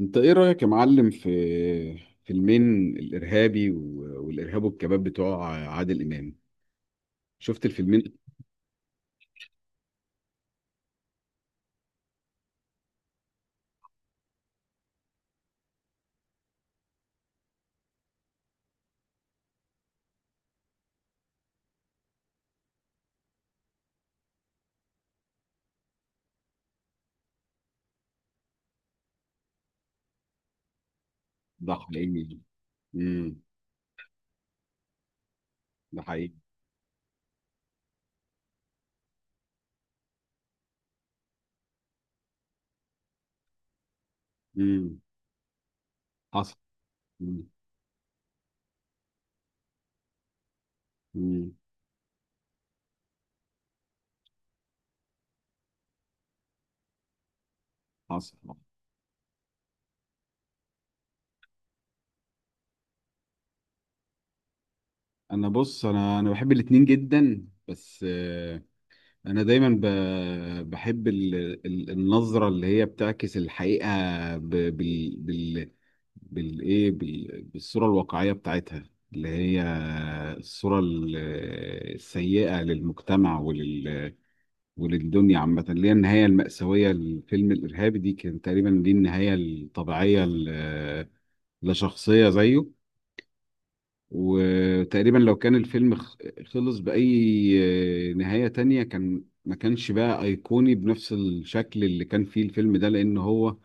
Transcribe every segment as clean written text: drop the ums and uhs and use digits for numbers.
انت ايه رأيك يا معلم في فيلمين؟ الارهابي والارهاب والكباب بتوع عادل امام. شفت الفيلمين؟ ده حقيقي. امم ده حقيقي. امم حصل. امم امم حصل. انا بص، انا بحب الاتنين جدا، بس انا دايما بحب النظرة اللي هي بتعكس الحقيقة، ب- بال- بال- بالصوره الواقعيه بتاعتها، اللي هي الصوره السيئه للمجتمع وللدنيا عامة، اللي هي النهاية المأساوية للفيلم الإرهابي. دي كان تقريبا دي النهاية الطبيعية لشخصية زيه. وتقريبا لو كان الفيلم خلص بأي نهاية تانية كان ما كانش بقى أيقوني بنفس الشكل اللي كان فيه الفيلم ده، لأن هو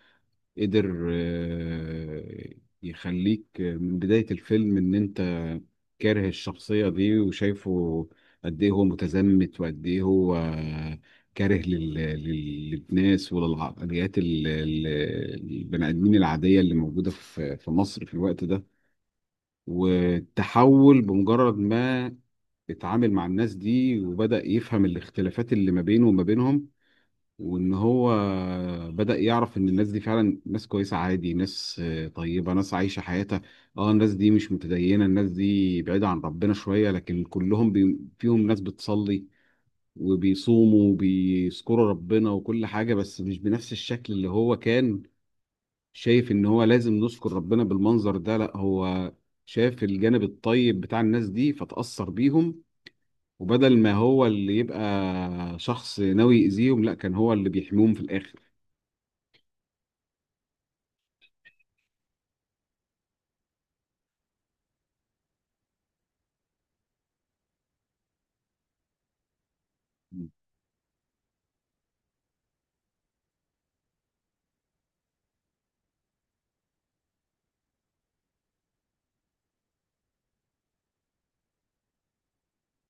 قدر يخليك من بداية الفيلم إن أنت كاره الشخصية دي، وشايفه قد إيه هو متزمت وقد إيه هو كاره للناس وللعقليات البني آدمين العادية اللي موجودة في مصر في الوقت ده. والتحول بمجرد ما اتعامل مع الناس دي، وبدأ يفهم الاختلافات اللي ما بينه وما بينهم، وان هو بدأ يعرف ان الناس دي فعلا ناس كويسة عادي، ناس طيبة، ناس عايشة حياتها. اه الناس دي مش متدينة، الناس دي بعيدة عن ربنا شوية، لكن كلهم فيهم ناس بتصلي وبيصوموا وبيذكروا ربنا وكل حاجة، بس مش بنفس الشكل اللي هو كان شايف ان هو لازم نذكر ربنا بالمنظر ده. لا، هو شاف الجانب الطيب بتاع الناس دي فتأثر بيهم، وبدل ما هو اللي يبقى شخص ناوي يأذيهم، لا، كان هو اللي بيحميهم في الآخر.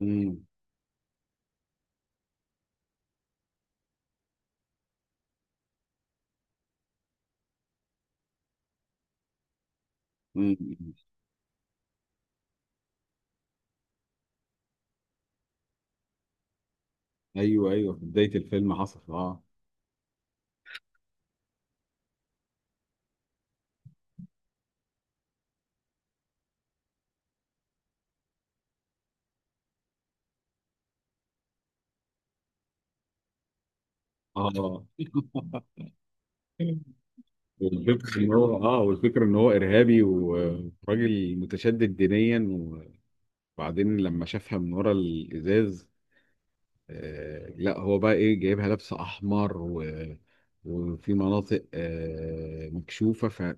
امم. امم. امم. ايوه، ايوه، في بدايه الفيلم حصل. اه اه. آه. والفكره ان هو ارهابي وراجل متشدد دينيا. وبعدين لما شافها من ورا الازاز، لا هو بقى ايه جايبها لابسه احمر، وفي مناطق مكشوفه،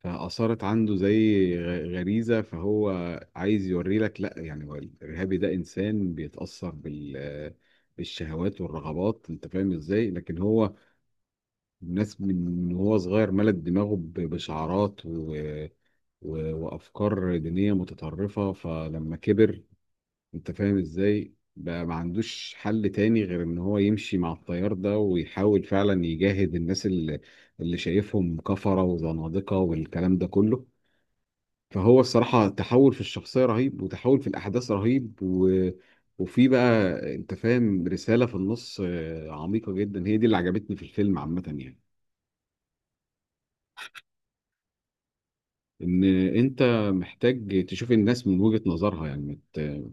فأثارت عنده زي غريزة. فهو عايز يوري لك لا، يعني هو الإرهابي ده إنسان بيتأثر بالشهوات والرغبات، أنت فاهم إزاي؟ لكن هو الناس من وهو صغير ملت دماغه بشعارات وأفكار دينية متطرفة، فلما كبر أنت فاهم إزاي؟ بقى ما عندوش حل تاني غير إن هو يمشي مع التيار ده، ويحاول فعلا يجاهد الناس اللي شايفهم كفرة وزنادقة والكلام ده كله. فهو الصراحة تحول في الشخصية رهيب، وتحول في الأحداث رهيب، وفي بقى أنت فاهم رسالة في النص عميقة جدا، هي دي اللي عجبتني في الفيلم عامة يعني. إن أنت محتاج تشوف الناس من وجهة نظرها، يعني ما مت... ما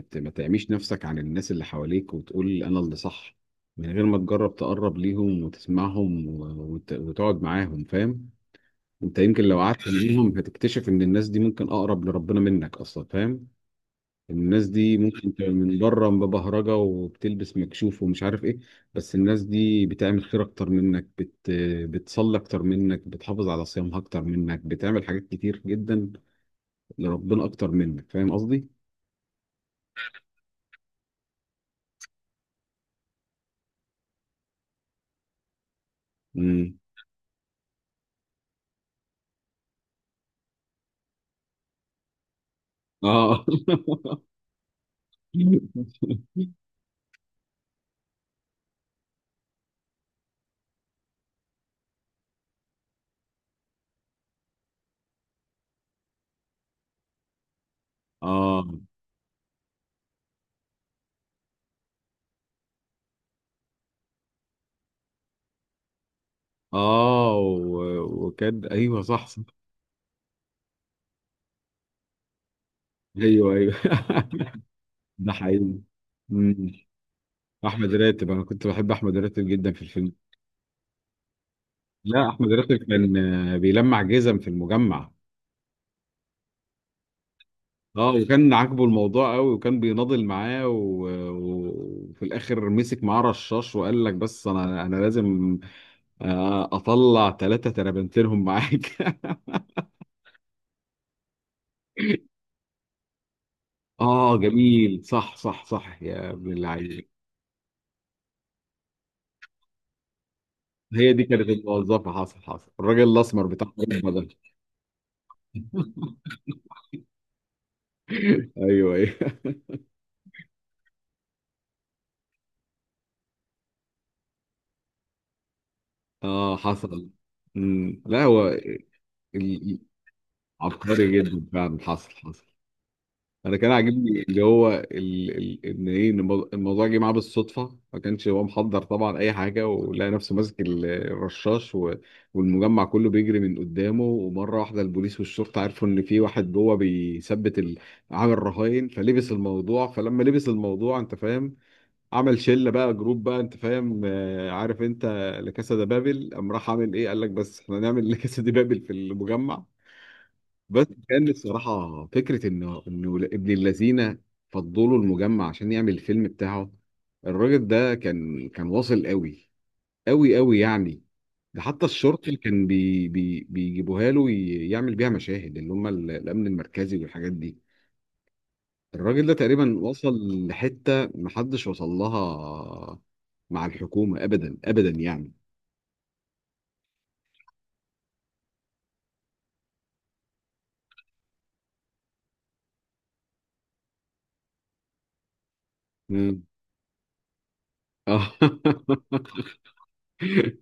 مت... ما تعميش نفسك عن الناس اللي حواليك وتقول أنا اللي صح، من غير ما تجرب تقرب ليهم وتسمعهم وتقعد معاهم، فاهم؟ أنت يمكن لو قعدت معاهم هتكتشف إن الناس دي ممكن أقرب لربنا منك أصلا، فاهم؟ الناس دي ممكن تبقى من بره ببهرجه وبتلبس مكشوف ومش عارف ايه، بس الناس دي بتعمل خير اكتر منك، بتصلي اكتر منك، بتحافظ على صيامها اكتر منك، بتعمل حاجات كتير جدا لربنا اكتر منك، فاهم قصدي؟ امم. اه. اه. اه. وكان. ايوه، صح، صح. ايوه، ايوه. ده حقيقي. مم. احمد راتب، انا كنت بحب احمد راتب جدا في الفيلم. لا، احمد راتب كان بيلمع جزم في المجمع. اه، وكان عاجبه الموضوع قوي، وكان بيناضل معاه، وفي الاخر مسك معاه رشاش وقال لك بس انا لازم اطلع 3 ترابنتينهم معاك. اه، جميل، صح، صح، صح، يا ابن اللعيبه. هي دي كانت الموظفة، حصل، حصل، الراجل الاسمر بتاع الجبهة ده. ايوه، ايوه. اه، حصل. مم. لا، هو ال- عبقري جدا فعلا، حصل، حصل. انا كان عاجبني اللي هو ال... ال... ان ايه إن الموضوع، الموضوع جه معاه بالصدفه، ما كانش هو محضر طبعا اي حاجه، ولقى نفسه ماسك الرشاش، والمجمع كله بيجري من قدامه، ومره واحده البوليس والشرطه عرفوا ان في واحد جوه بيثبت عامل رهاين، فلبس الموضوع، فلما لبس الموضوع انت فاهم، عمل شله بقى، جروب بقى انت فاهم، عارف انت لكاسا ده بابل؟ قام راح عامل ايه، قال لك بس احنا نعمل لكاسا دي بابل في المجمع. بس كان الصراحة فكرة إنه ابن اللذينة فضلوا المجمع عشان يعمل الفيلم بتاعه. الراجل ده كان واصل قوي قوي قوي يعني. ده حتى الشرطة اللي كان بي بي بيجيبوها له يعمل بيها مشاهد، اللي هم الأمن المركزي والحاجات دي. الراجل ده تقريبا وصل لحتة محدش وصل لها مع الحكومة أبدا، أبدا يعني. مم. اه.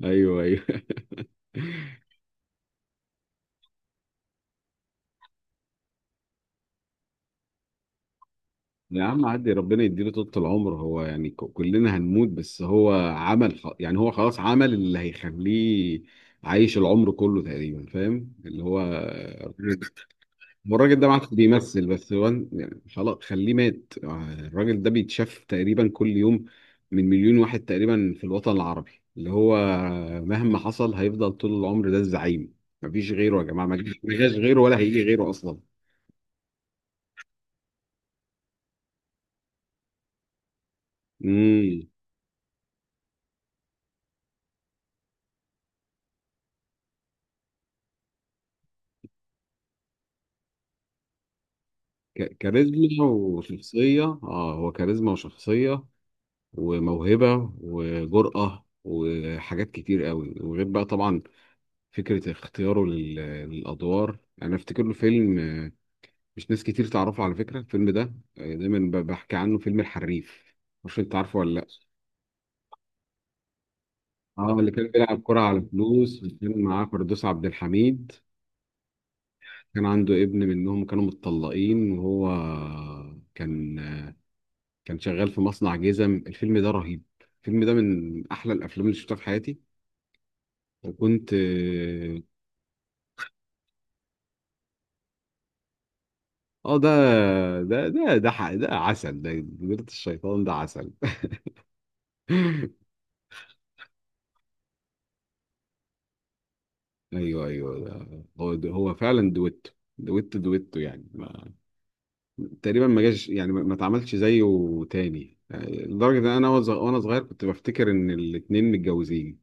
ايوه، ايوه. يا عم عدي، ربنا يديله طولة العمر. هو يعني كلنا هنموت، بس هو عمل يعني هو خلاص عمل اللي هيخليه عايش العمر كله تقريبا، فاهم اللي هو الراجل ده. هو الراجل ده ما عادش بيمثل بس، هو يعني خلاص خليه مات، الراجل ده بيتشاف تقريبا كل يوم من مليون واحد تقريبا في الوطن العربي، اللي هو مهما حصل هيفضل طول العمر ده الزعيم. مفيش غيره يا جماعة، ما جاش، ما جاش غيره، ولا هيجي غيره أصلا. ك- كاريزما وشخصية اه هو كاريزما وشخصية وموهبة وجرأة وحاجات كتير قوي، وغير بقى طبعا فكرة اختياره للأدوار. أنا أفتكر له فيلم، مش ناس كتير تعرفه على فكرة الفيلم ده، دايما بحكي عنه، فيلم الحريف، مش أنت عارفه ولا لأ؟ اه، اللي كان بيلعب كرة على فلوس، وكان معاه فردوس عبد الحميد، كان عنده ابن منهم، كانوا متطلقين، وهو كان كان شغال في مصنع جزم. الفيلم ده رهيب، الفيلم ده من احلى الافلام اللي شفتها في حياتي، وكنت اه. آه، ده ده عسل، ده جبلة الشيطان ده عسل. ايوه، ايوه، ده هو، ده هو فعلا دويتو، دويتو، دويتو، يعني ما تقريبا ما جاش، يعني ما اتعملش زيه تاني، يعني لدرجه ان انا وانا صغير كنت بفتكر ان الاتنين متجوزين.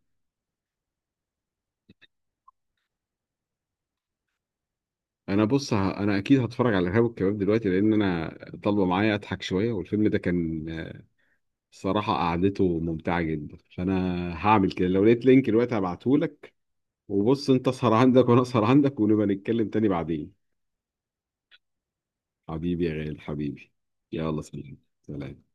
انا بص، انا اكيد هتفرج على الارهاب والكباب دلوقتي، لان انا طالبه معايا اضحك شويه، والفيلم ده كان الصراحة قعدته ممتعة جدا، فأنا هعمل كده، لو لقيت لينك دلوقتي هبعتهولك، وبص، أنت اسهر عندك وأنا اسهر عندك، ونبقى نتكلم تاني بعدين. حبيبي يا غالي، حبيبي. يلا، سلام، سلام.